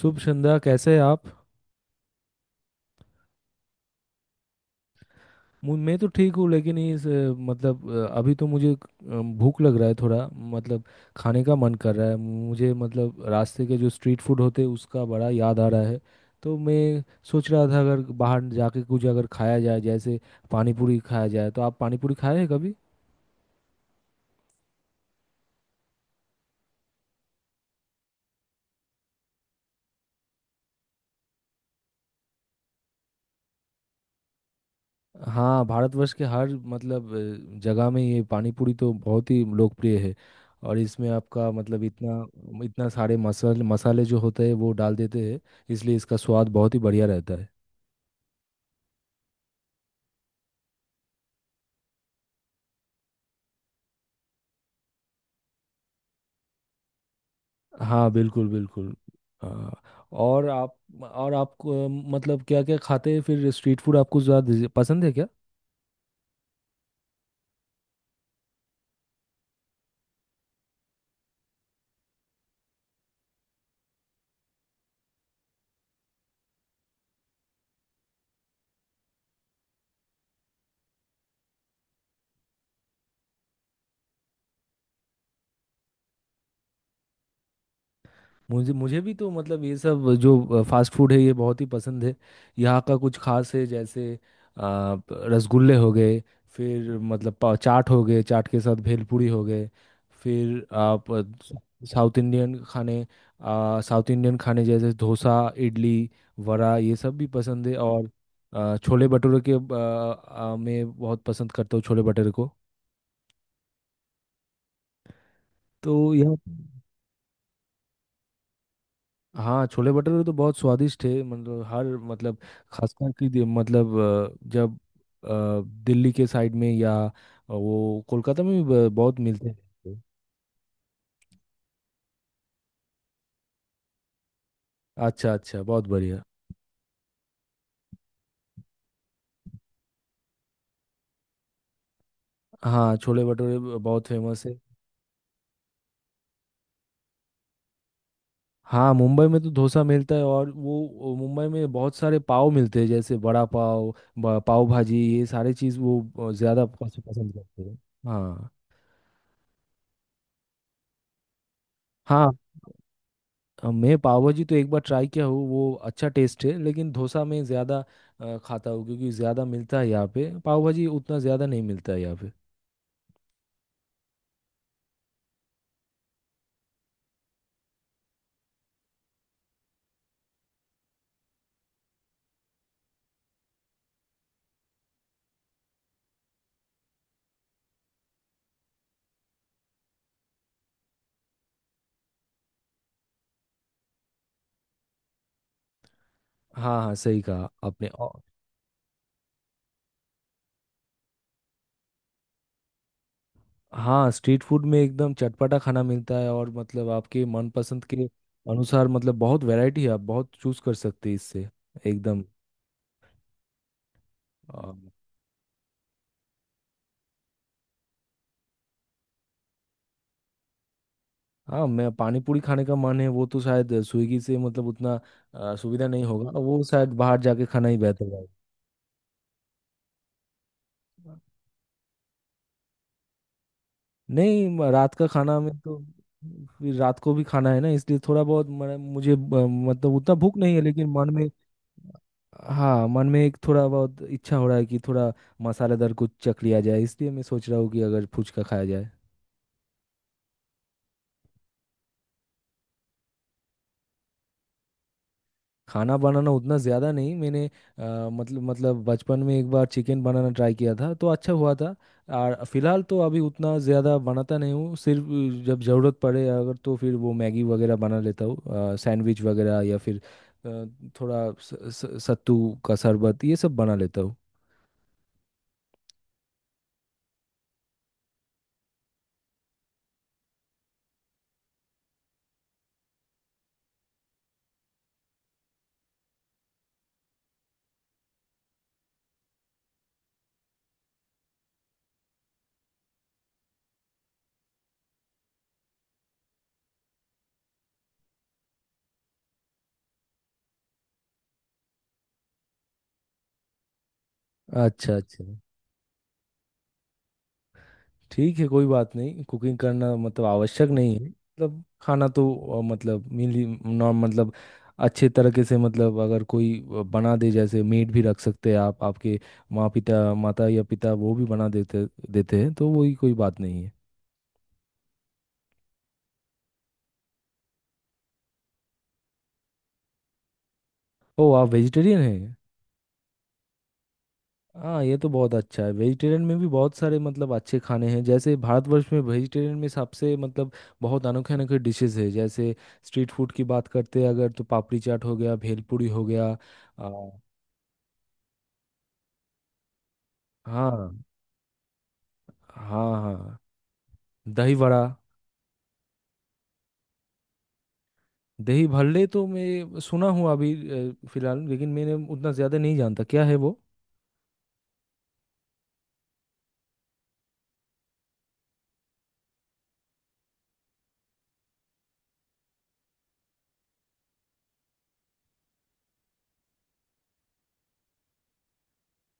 शुभ संध्या, कैसे हैं आप। मैं तो ठीक हूँ लेकिन इस मतलब अभी तो मुझे भूख लग रहा है थोड़ा। मतलब खाने का मन कर रहा है मुझे, मतलब रास्ते के जो स्ट्रीट फूड होते हैं उसका बड़ा याद आ रहा है। तो मैं सोच रहा था अगर बाहर जाके कुछ अगर खाया जाए, जैसे पानी पूरी खाया जाए। तो आप पानी पूरी खाए हैं कभी? हाँ, भारतवर्ष के हर मतलब जगह में ये पानी पूरी तो बहुत ही लोकप्रिय है। और इसमें आपका मतलब इतना इतना सारे मसाले मसाले जो होते हैं वो डाल देते हैं, इसलिए इसका स्वाद बहुत ही बढ़िया रहता है। हाँ, बिल्कुल बिल्कुल। हाँ, और आप और आपको मतलब क्या क्या खाते हैं? फिर स्ट्रीट फूड आपको ज़्यादा पसंद है क्या? मुझे मुझे भी तो मतलब ये सब जो फास्ट फूड है ये बहुत ही पसंद है। यहाँ का कुछ खास है, जैसे आ, प- रसगुल्ले हो गए, फिर मतलब चाट हो गए, चाट के साथ भेलपूरी हो गए। फिर आप साउथ इंडियन खाने साउथ इंडियन खाने जैसे डोसा, इडली, वड़ा ये सब भी पसंद है। और छोले भटूरे के आ, आ, मैं बहुत पसंद करता हूँ छोले भटूरे को। तो यह हाँ, छोले भटूरे तो बहुत स्वादिष्ट है, मतलब हर मतलब खासकर कि मतलब जब दिल्ली के साइड में, या वो कोलकाता में भी बहुत मिलते हैं। अच्छा अच्छा, बहुत बढ़िया। हाँ, छोले भटूरे बहुत फेमस है। हाँ, मुंबई में तो डोसा मिलता है। और वो मुंबई में बहुत सारे पाव मिलते हैं, जैसे बड़ा पाव, पाव भाजी, ये सारे चीज़ वो ज़्यादा पसंद करते हैं। हाँ हाँ, मैं पाव भाजी तो एक बार ट्राई किया हूँ, वो अच्छा टेस्ट है। लेकिन डोसा में ज़्यादा खाता हूँ, क्योंकि ज़्यादा मिलता है यहाँ पे। पाव भाजी उतना ज़्यादा नहीं मिलता है यहाँ पे। हाँ हाँ, सही कहा आपने। और हाँ, स्ट्रीट फूड में एकदम चटपटा खाना मिलता है, और मतलब आपके मनपसंद के अनुसार मतलब बहुत वैरायटी है। आप बहुत चूज कर सकते हैं इससे। एकदम अ, हाँ, मैं पानी पूरी खाने का मन है। वो तो शायद स्विगी से मतलब उतना सुविधा नहीं होगा, वो शायद बाहर जाके खाना ही बेहतर है। नहीं, रात का खाना में तो फिर रात को भी खाना है ना, इसलिए थोड़ा बहुत मुझे मतलब उतना भूख नहीं है, लेकिन मन में। हाँ, मन में एक थोड़ा बहुत इच्छा हो रहा है कि थोड़ा मसालेदार कुछ चख लिया जाए। इसलिए मैं सोच रहा हूँ कि अगर फुचका खाया जाए। खाना बनाना उतना ज़्यादा नहीं। मैंने मतलब बचपन में एक बार चिकन बनाना ट्राई किया था, तो अच्छा हुआ था। और फिलहाल तो अभी उतना ज़्यादा बनाता नहीं हूँ। सिर्फ जब ज़रूरत पड़े अगर, तो फिर वो मैगी वगैरह बना लेता हूँ, सैंडविच वगैरह, या फिर अ, थोड़ा स, स, सत्तू का शरबत, ये सब बना लेता हूँ। अच्छा अच्छा, ठीक है, कोई बात नहीं। कुकिंग करना मतलब आवश्यक नहीं है, मतलब खाना तो मतलब मिली नॉर्म मतलब अच्छे तरीके से, मतलब अगर कोई बना दे, जैसे मेड भी रख सकते हैं आप, आपके माँ पिता, माता या पिता वो भी बना देते देते हैं, तो वही कोई बात नहीं है। ओ, आप वेजिटेरियन हैं? हाँ, ये तो बहुत अच्छा है। वेजिटेरियन में भी बहुत सारे मतलब अच्छे खाने हैं, जैसे भारतवर्ष में वेजिटेरियन में सबसे मतलब बहुत अनोखे अनोखे डिशेस है, जैसे स्ट्रीट फूड की बात करते हैं अगर, तो पापड़ी चाट हो गया, भेलपूरी हो गया, आ, हाँ हाँ, हाँ दही बड़ा। दही भल्ले तो मैं सुना हूँ अभी फिलहाल, लेकिन मैंने उतना ज़्यादा नहीं जानता क्या है वो।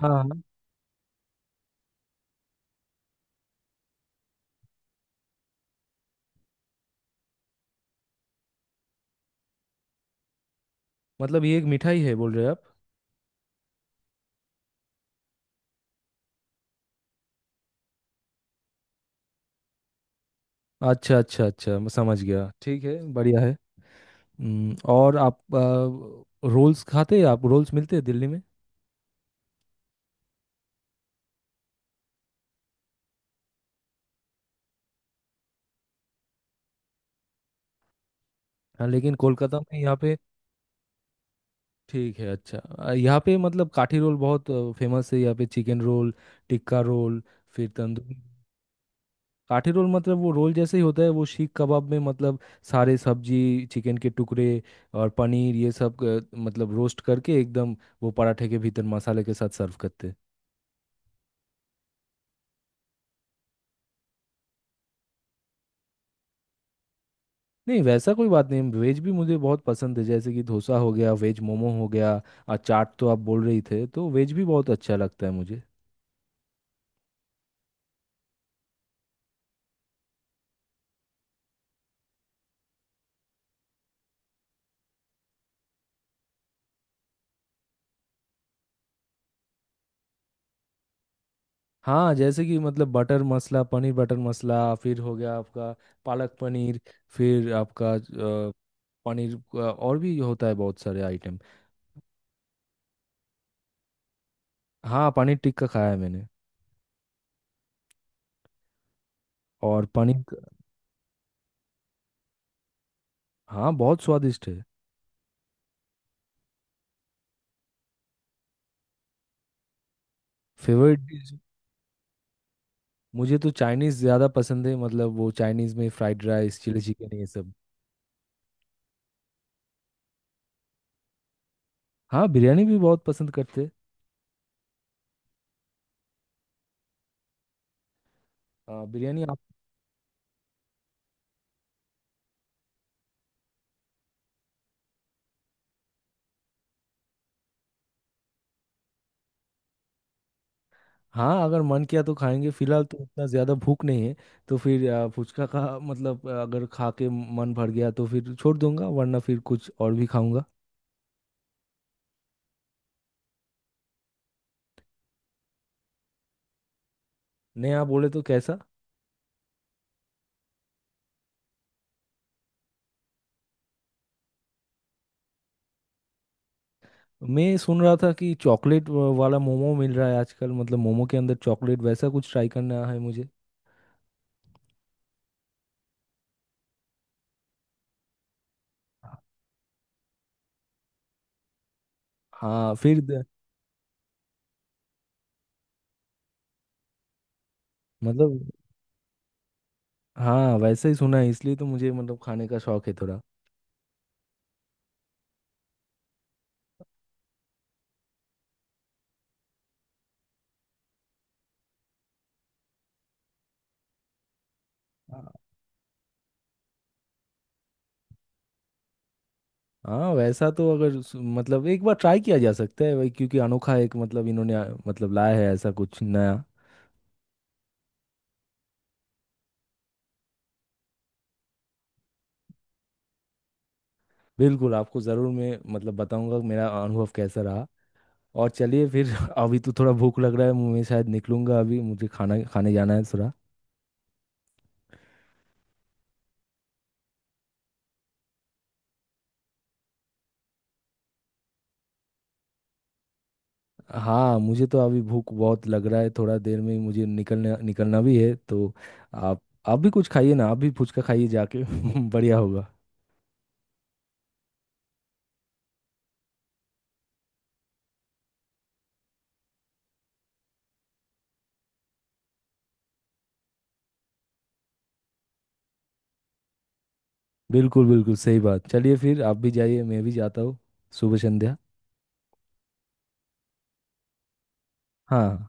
हाँ हाँ, मतलब ये एक मिठाई है बोल रहे हैं आप? अच्छा अच्छा अच्छा, मैं समझ गया। ठीक है, बढ़िया है। और आप रोल्स खाते हैं? आप रोल्स मिलते हैं दिल्ली में? हाँ, लेकिन कोलकाता में यहाँ पे ठीक है। अच्छा, यहाँ पे मतलब काठी रोल बहुत फेमस है, यहाँ पे चिकन रोल, टिक्का रोल, फिर तंदूरी। काठी रोल मतलब वो रोल जैसे ही होता है, वो सीख कबाब में मतलब सारे सब्जी, चिकन के टुकड़े और पनीर ये सब मतलब रोस्ट करके एकदम, वो पराठे के भीतर मसाले के साथ सर्व करते हैं। नहीं, वैसा कोई बात नहीं, वेज भी मुझे बहुत पसंद है, जैसे कि डोसा हो गया, वेज मोमो हो गया। और चाट तो आप बोल रही थे, तो वेज भी बहुत अच्छा लगता है मुझे। हाँ, जैसे कि मतलब बटर मसाला, पनीर बटर मसाला, फिर हो गया आपका पालक पनीर, फिर आपका अ, पनीर का और भी होता है बहुत सारे आइटम। हाँ, पनीर टिक्का खाया है मैंने। और हाँ, बहुत स्वादिष्ट है। Favourite dish? मुझे तो चाइनीज़ ज़्यादा पसंद है, मतलब वो चाइनीज़ में फ्राइड राइस, चिली चिकन ये सब। हाँ, बिरयानी भी बहुत पसंद करते हैं। हाँ, बिरयानी आप। हाँ, अगर मन किया तो खाएंगे, फिलहाल तो उतना ज़्यादा भूख नहीं है। तो फिर फुचका का मतलब अगर खा के मन भर गया तो फिर छोड़ दूंगा, वरना फिर कुछ और भी खाऊंगा। नया बोले तो कैसा? मैं सुन रहा था कि चॉकलेट वाला मोमो मिल रहा है आजकल, मतलब मोमो के अंदर चॉकलेट, वैसा कुछ ट्राई करना है मुझे। हाँ, फिर मतलब हाँ, वैसा ही सुना है, इसलिए तो मुझे मतलब खाने का शौक है थोड़ा। हाँ, वैसा तो अगर मतलब एक बार ट्राई किया जा सकता है भाई, क्योंकि अनोखा एक मतलब इन्होंने मतलब लाया है ऐसा कुछ नया। बिल्कुल, आपको ज़रूर मैं मतलब बताऊंगा मेरा अनुभव कैसा रहा। और चलिए फिर, अभी तो थोड़ा भूख लग रहा है, मैं शायद निकलूंगा, अभी मुझे खाना खाने जाना है थोड़ा। हाँ, मुझे तो अभी भूख बहुत लग रहा है, थोड़ा देर में ही मुझे निकलना निकलना भी है, तो आप आप भी कुछ खाइए ना, आप भी फुचका खाइए जाके। बढ़िया होगा। बिल्कुल बिल्कुल, सही बात। चलिए फिर, आप भी जाइए, मैं भी जाता हूँ। शुभ संध्या। हाँ।